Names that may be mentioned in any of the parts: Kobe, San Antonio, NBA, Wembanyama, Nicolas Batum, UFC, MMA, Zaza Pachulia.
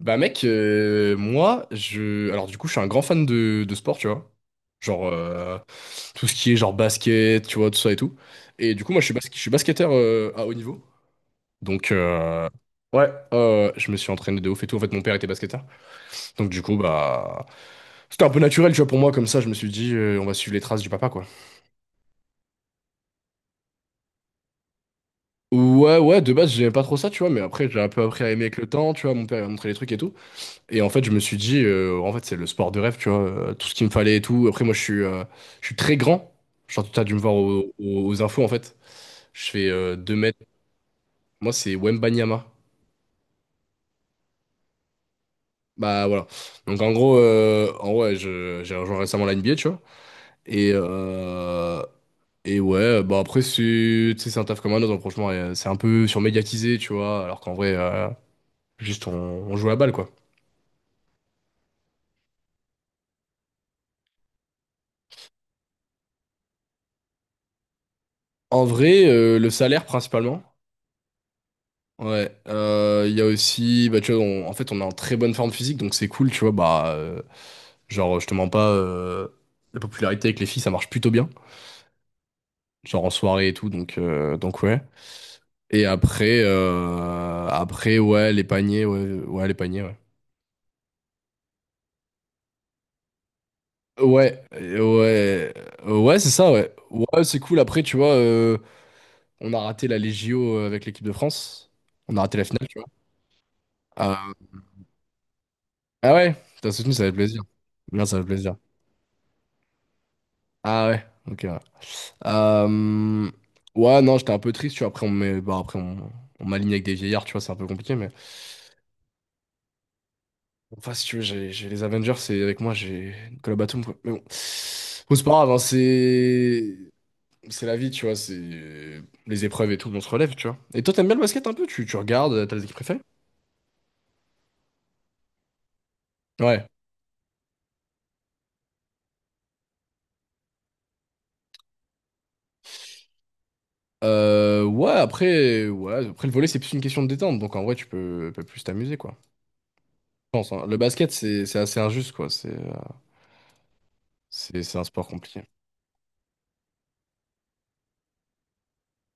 Bah mec, moi, je... Alors du coup, je suis un grand fan de sport, tu vois. Genre, tout ce qui est genre basket, tu vois, tout ça et tout. Et du coup, moi, je suis basketteur à haut niveau. Donc, ouais, je me suis entraîné de ouf et tout. En fait, mon père était basketteur. Donc du coup, bah... C'était un peu naturel, tu vois, pour moi, comme ça, je me suis dit, on va suivre les traces du papa, quoi. Ouais, ouais, de base, j'aimais pas trop ça, tu vois, mais après, j'ai un peu appris à aimer avec le temps, tu vois, mon père, il m'a montré les trucs et tout. Et en fait, je me suis dit, en fait, c'est le sport de rêve, tu vois, tout ce qu'il me fallait et tout. Après, moi, je suis très grand. Genre, tu as dû me voir aux infos, en fait. Je fais 2 mètres. Moi, c'est Wembanyama. Bah, voilà. Donc, en gros, en vrai, j'ai rejoint récemment la NBA, tu vois. Et, euh, et ouais, bah, après, c'est, tu sais, c'est un taf comme un autre. Donc, franchement, c'est un peu surmédiatisé, tu vois. Alors qu'en vrai, juste, on joue à la balle, quoi. En vrai, le salaire, principalement. Ouais, il y a aussi, bah, tu vois, en fait, on est en très bonne forme physique, donc c'est cool, tu vois, bah, genre, je te mens pas, la popularité avec les filles, ça marche plutôt bien, genre en soirée et tout, donc ouais. Et après, ouais, les paniers, ouais, ouais, les paniers, ouais. Ouais, ouais, ouais, c'est ça, ouais. Ouais, c'est cool, après, tu vois, on a raté la Légio avec l'équipe de France, on a raté la finale, tu vois. Euh, ah ouais, t'as soutenu, ça fait plaisir. Non, ça fait plaisir. Ah ouais, ok. Ouais. Euh, Ouais, non, j'étais un peu triste, tu vois. Après, bah, on m'aligne avec des vieillards, tu vois, c'est un peu compliqué, mais. Bon, enfin, si tu veux, j'ai les Avengers, c'est avec moi, j'ai Nicolas Batum, quoi. Bon, c'est pas grave, hein, c'est. C'est la vie, tu vois, c'est. Les épreuves et tout, on se relève, tu vois. Et toi, t'aimes bien le basket un peu? Tu regardes, t'as des équipes préférées? Ouais. Ouais, après, ouais, après le volley, c'est plus une question de détente, donc en vrai, tu peux plus t'amuser, quoi. Je pense, hein. Le basket, c'est assez injuste, quoi. C'est un sport compliqué.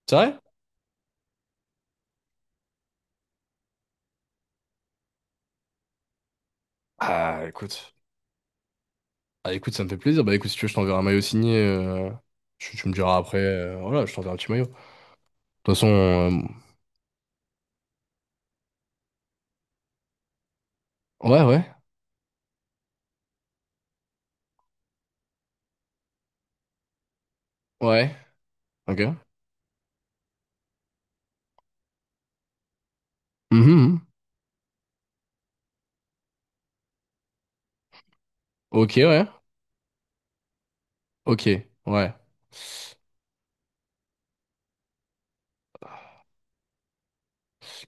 C'est vrai? Ah, écoute. Ah écoute, ça me fait plaisir. Bah écoute, si tu veux, je t'enverrai un maillot signé. Tu me diras après. Voilà, je t'enverrai un petit maillot. De toute façon, ouais, ouais, ouais. Ok. Mhm, mhm. Ok, ouais. Ok, ouais.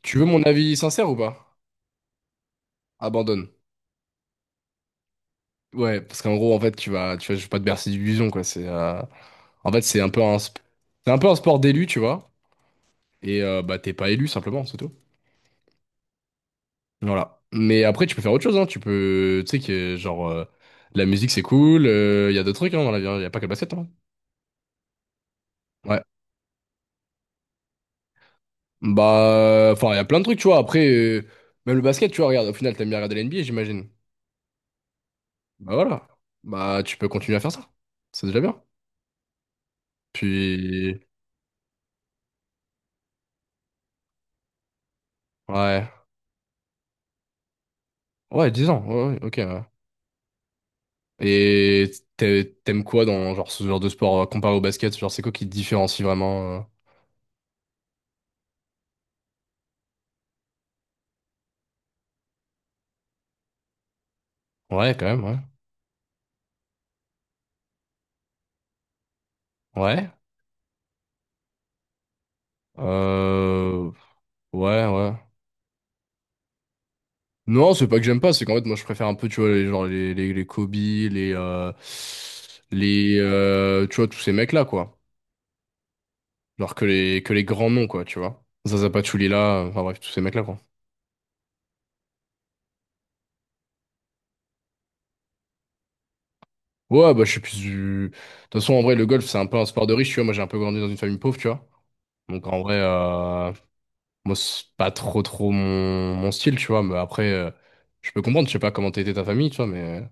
Tu veux mon avis sincère ou pas? Abandonne. Ouais, parce qu'en gros, en fait, tu vas, je vais pas te bercer d'illusions, quoi. C'est, en fait, c'est un peu un sport d'élu, tu vois. Et bah t'es pas élu simplement, c'est tout. Voilà. Mais après, tu peux faire autre chose, hein. Tu sais que genre, la musique c'est cool. Il y a d'autres trucs, hein, dans la vie. Il y a pas que le basket, hein. Ouais. Bah, enfin, il y a plein de trucs, tu vois. Après, même le basket, tu vois, regarde, au final, t'aimes bien regarder l'NBA, j'imagine. Bah voilà. Bah, tu peux continuer à faire ça. C'est déjà bien. Puis, ouais. Ouais, 10 ans. Ouais, ouais, ok. Ouais. Et t'aimes quoi dans genre, ce genre de sport comparé au basket? Genre, c'est quoi qui te différencie vraiment? Ouais, quand même, ouais. Ouais. Euh... Ouais, ouais. Non, c'est pas que j'aime pas, c'est qu'en fait, moi, je préfère un peu, tu vois, les, genre, les Kobe, tu vois, tous ces mecs-là, quoi. Alors que les grands noms, quoi, tu vois. Zaza Pachulia, enfin bref, tous ces mecs-là, quoi. Ouais, bah je suis plus du... De toute façon, en vrai, le golf, c'est un peu un sport de riche, tu vois. Moi, j'ai un peu grandi dans une famille pauvre, tu vois. Donc en vrai, moi, c'est pas trop trop mon style, tu vois. Mais après, je peux comprendre, je sais pas comment t'étais ta famille, tu vois, mais...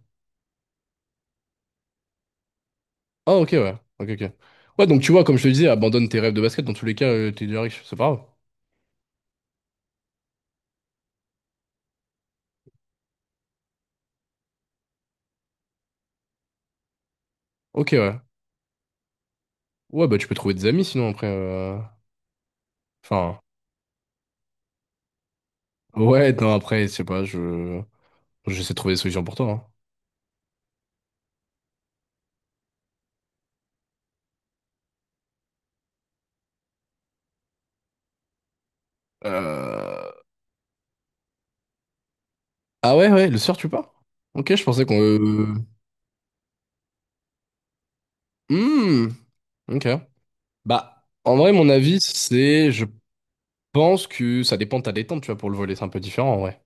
Ah, ok, ouais. Ok, ok. Ouais, donc tu vois, comme je te disais, abandonne tes rêves de basket. Dans tous les cas, t'es déjà riche, c'est pas grave. Ok, ouais. Ouais, bah tu peux trouver des amis, sinon, après... Enfin... Ouais, non, après, je sais pas, je... J'essaie de trouver des solutions pour toi, hein. Euh, Ah ouais, ouais, le soir tu pars? Ok, je pensais qu'on... hmm, ok. Bah, en vrai, mon avis, c'est... Je pense que ça dépend de ta détente, tu vois, pour le volet, c'est un peu différent, en vrai.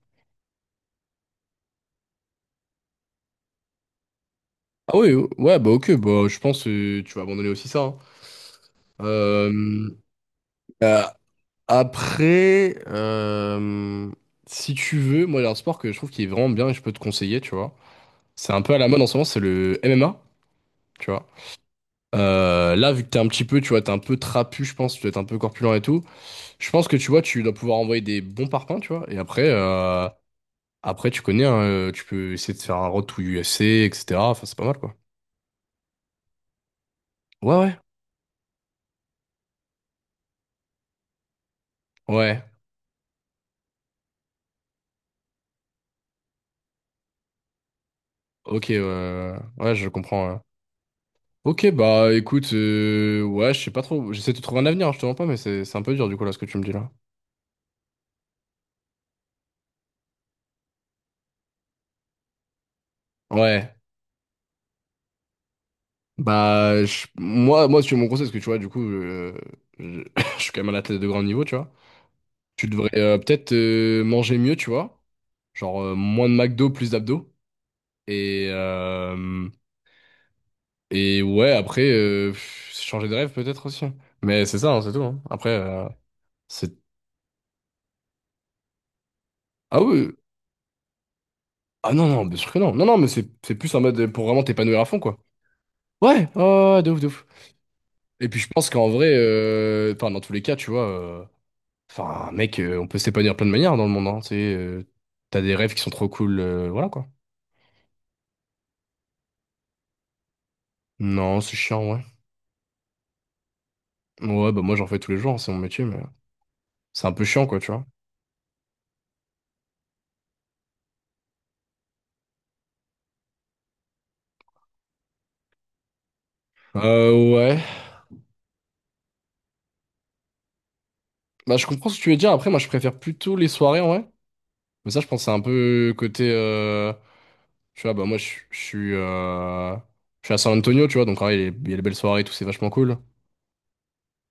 Ah oui, ouais, bah ok, bah je pense que tu vas abandonner aussi ça, hein. Euh, euh, Après, si tu veux, moi, il y a un sport que je trouve qui est vraiment bien et je peux te conseiller, tu vois. C'est un peu à la mode en ce moment, c'est le MMA, tu vois. Là, vu que t'es un petit peu, tu vois, t'es un peu trapu, je pense, tu dois être un peu corpulent et tout. Je pense que tu vois, tu dois pouvoir envoyer des bons parpaings, tu vois. Et après tu connais, hein, tu peux essayer de faire un road to UFC, etc. Enfin, c'est pas mal, quoi. Ouais, ouais. Ouais, ok, ouais, ouais, je comprends. Ouais. Ok, bah écoute, ouais, je sais pas trop. J'essaie de trouver un avenir, hein, je te mens pas, mais c'est un peu dur du coup là ce que tu me dis là. Ouais, bah moi, si tu veux mon conseil, parce que tu vois, du coup, je, je suis quand même un athlète de grand niveau, tu vois. Tu devrais peut-être manger mieux, tu vois. Genre moins de McDo, plus d'abdos. Et, euh, et ouais, après, pff, changer de rêve peut-être aussi. Mais c'est ça, hein, c'est tout, hein. Après, c'est... Ah oui, ah non, non, bien sûr que non. Non, non, mais c'est plus un mode pour vraiment t'épanouir à fond, quoi. Ouais, oh, ouais, ouais, de ouf, de ouf. Et puis je pense qu'en vrai, enfin, dans tous les cas, tu vois, enfin, mec, on peut s'épanouir de plein de manières dans le monde, hein, tu sais, t'as des rêves qui sont trop cool, voilà, quoi. Non, c'est chiant, ouais. Ouais, bah moi j'en fais tous les jours, hein, c'est mon métier, mais c'est un peu chiant, quoi, tu vois. Ouais, bah, je comprends ce que tu veux dire. Après, moi, je préfère plutôt les soirées, en vrai. Mais ça, je pense que c'est un peu côté. Tu vois, bah, moi, je suis. Je suis à San Antonio, tu vois. Donc, en vrai, il y a les belles soirées et tout, c'est vachement cool.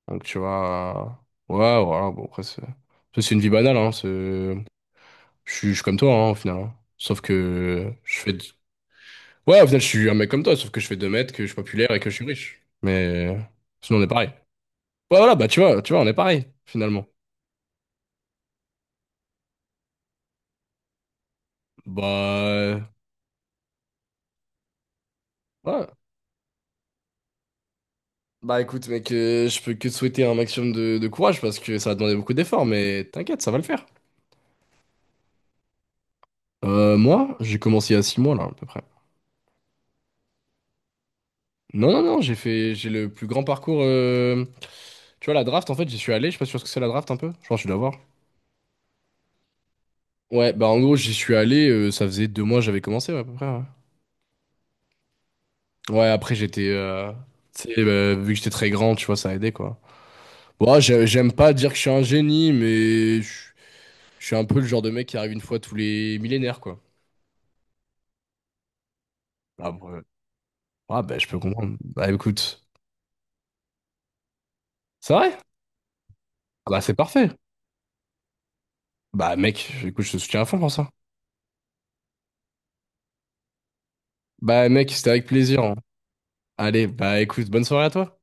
Donc, tu vois. Ouais, voilà. Bon, après, c'est ça, c'est une vie banale, hein. Je suis comme toi, hein, au final, hein. Sauf que je fais. Ouais, au final, je suis un mec comme toi, sauf que je fais 2 mètres, que je suis populaire et que je suis riche. Mais sinon, on est pareil. Ouais, voilà, bah, tu vois, on est pareil, finalement. Bah. Ouais. Bah écoute mec, je peux que te souhaiter un maximum de courage parce que ça va demander beaucoup d'efforts, mais t'inquiète, ça va le faire. Moi, j'ai commencé il y a 6 mois là à peu près. Non, non, non, j'ai le plus grand parcours. Tu vois, la draft en fait, j'y suis allé, je sais pas sûr ce que c'est la draft un peu. Je pense que je dois voir. Ouais, bah en gros, j'y suis allé, ça faisait 2 mois que j'avais commencé ouais, à peu près. Ouais, ouais, après j'étais... Tu sais, vu que j'étais très grand, tu vois, ça a aidé quoi. Bon, ah, j'aime pas dire que je suis un génie, mais je suis un peu le genre de mec qui arrive une fois tous les millénaires, quoi. Après, ah bah je peux comprendre. Bah écoute, c'est vrai? Ah bah c'est parfait. Bah mec, écoute, je te soutiens à fond pour ça. Bah mec, c'était avec plaisir, hein. Allez, bah écoute, bonne soirée à toi.